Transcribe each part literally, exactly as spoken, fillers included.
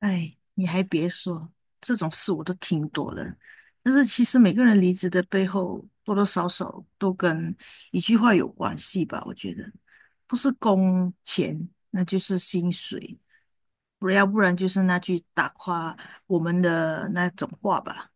哎，你还别说，这种事我都听多了。但是其实每个人离职的背后，多多少少都跟一句话有关系吧？我觉得，不是工钱，那就是薪水，不要不然就是那句打垮我们的那种话吧。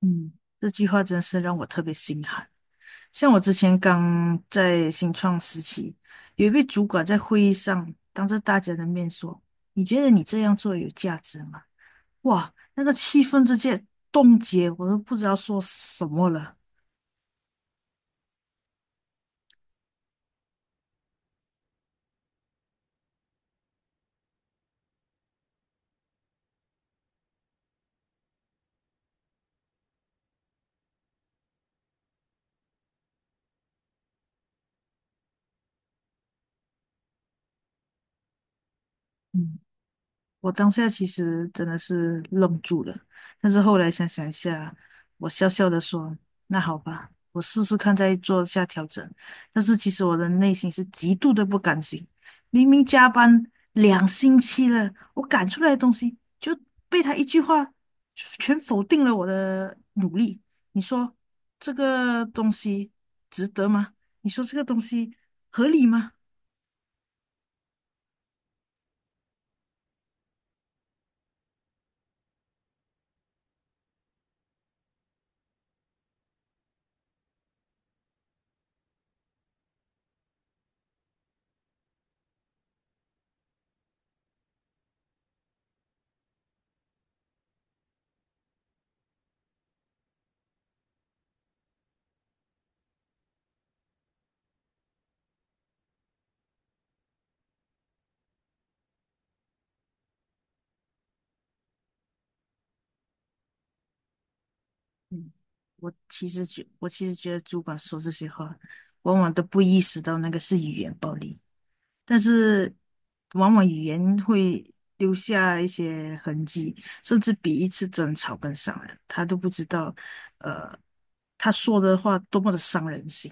嗯，这句话真是让我特别心寒。像我之前刚在新创时期，有一位主管在会议上当着大家的面说：“你觉得你这样做有价值吗？”哇，那个气氛直接冻结，我都不知道说什么了。嗯。我当下其实真的是愣住了，但是后来想想一下，我笑笑的说：“那好吧，我试试看，再做下调整。”但是其实我的内心是极度的不甘心，明明加班两星期了，我赶出来的东西就被他一句话全否定了我的努力。你说这个东西值得吗？你说这个东西合理吗？我其实觉，我其实觉得主管说这些话，往往都不意识到那个是语言暴力，但是往往语言会留下一些痕迹，甚至比一次争吵更伤人。他都不知道，呃，他说的话多么的伤人心。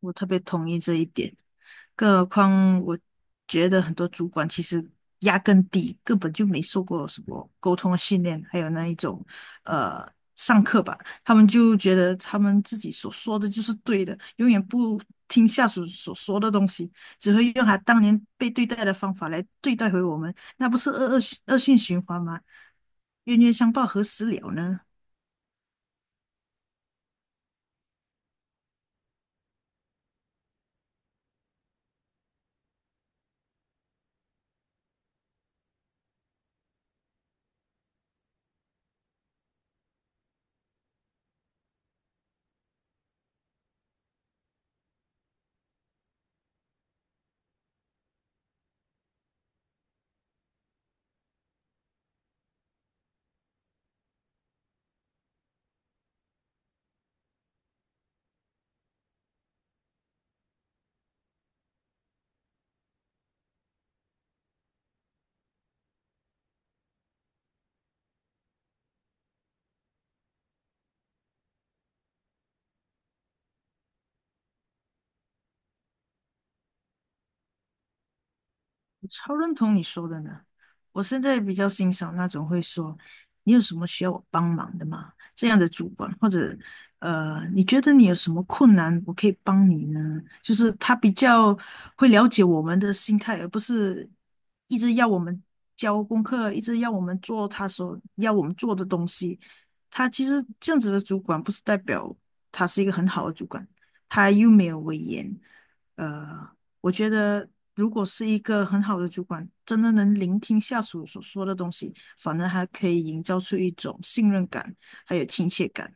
我特别同意这一点。更何况，我觉得很多主管其实压根底根本就没受过什么沟通的训练，还有那一种呃上课吧，他们就觉得他们自己所说的就是对的，永远不听下属所说的东西，只会用他当年被对待的方法来对待回我们，那不是恶恶恶性循环吗？冤冤相报何时了呢？我超认同你说的呢，我现在比较欣赏那种会说“你有什么需要我帮忙的吗”这样的主管，或者呃，你觉得你有什么困难，我可以帮你呢？就是他比较会了解我们的心态，而不是一直要我们交功课，一直要我们做他所要我们做的东西。他其实这样子的主管，不是代表他是一个很好的主管，他又没有威严。呃，我觉得，如果是一个很好的主管，真的能聆听下属所说的东西，反而还可以营造出一种信任感，还有亲切感。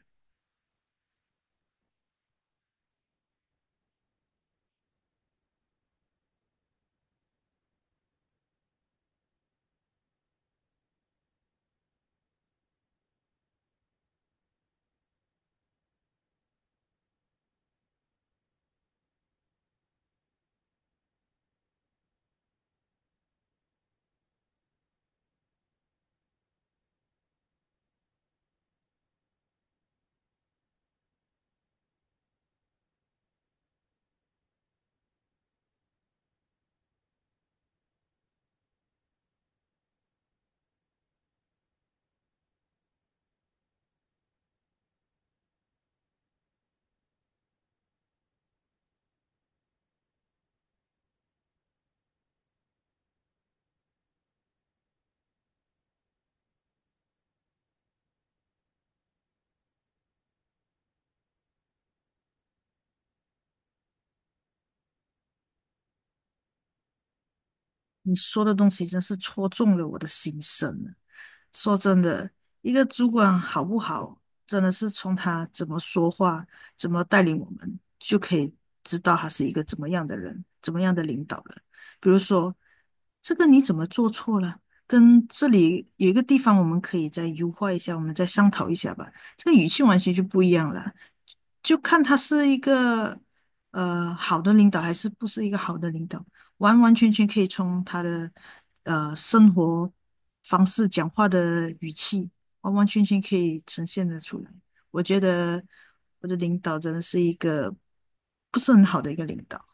你说的东西真是戳中了我的心声啊，说真的，一个主管好不好，真的是从他怎么说话、怎么带领我们，就可以知道他是一个怎么样的人、怎么样的领导了。比如说，这个你怎么做错了？跟这里有一个地方我们可以再优化一下，我们再商讨一下吧。这个语气完全就不一样了。就看他是一个呃好的领导还是不是一个好的领导，完完全全可以从他的呃生活方式、讲话的语气，完完全全可以呈现得出来。我觉得我的领导真的是一个不是很好的一个领导。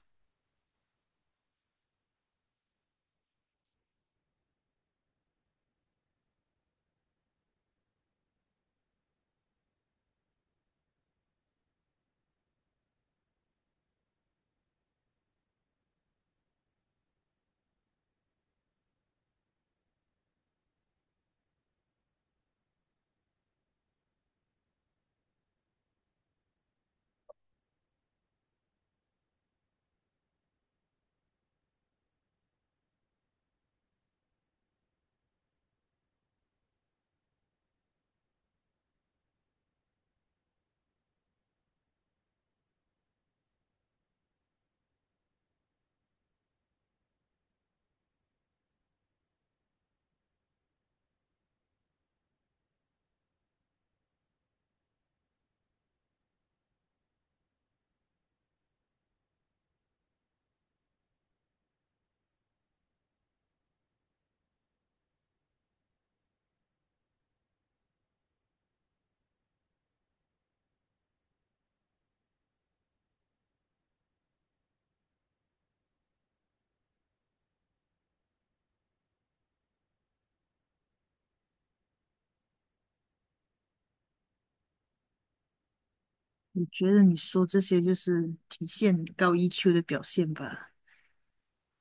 你觉得你说这些就是体现高 E Q 的表现吧？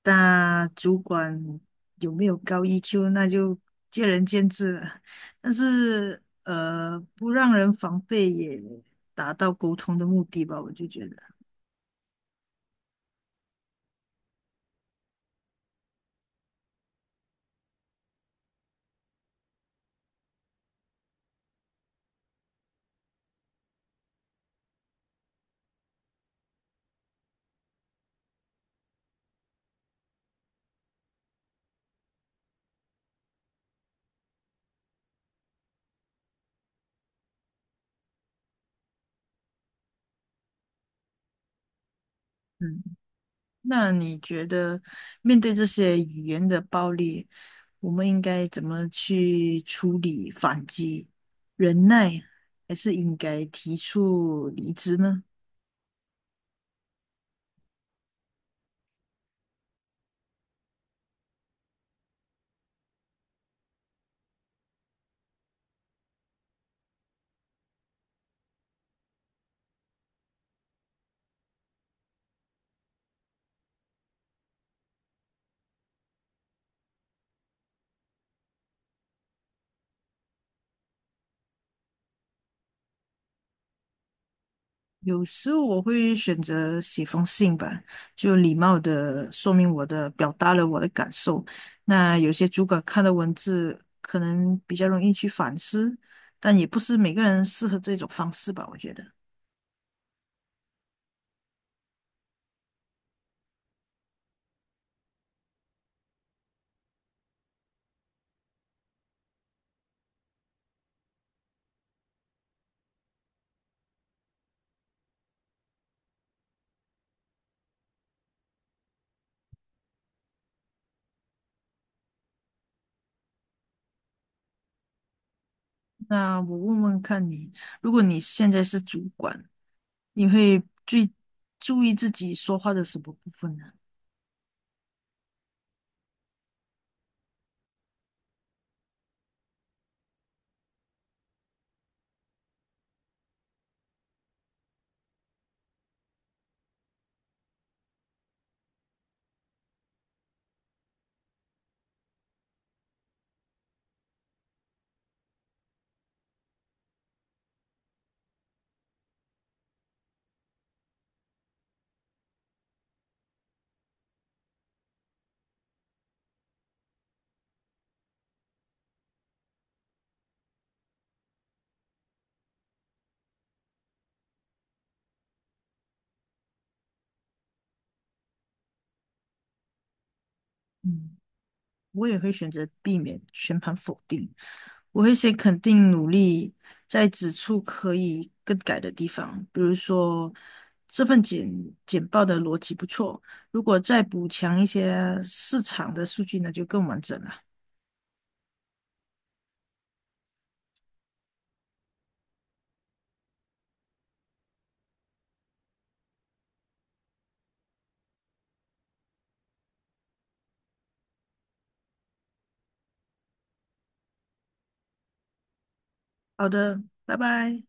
大主管有没有高 E Q，那就见仁见智了。但是，呃，不让人防备也达到沟通的目的吧，我就觉得。嗯，那你觉得面对这些语言的暴力，我们应该怎么去处理、反击、忍耐，还是应该提出离职呢？有时候我会选择写封信吧，就礼貌的说明我的，表达了我的感受。那有些主管看的文字可能比较容易去反思，但也不是每个人适合这种方式吧，我觉得。那我问问看你，如果你现在是主管，你会最注意自己说话的什么部分呢？嗯，我也会选择避免全盘否定。我会先肯定努力，在指出可以更改的地方，比如说这份简简报的逻辑不错，如果再补强一些市场的数据那就更完整了。好的，拜拜。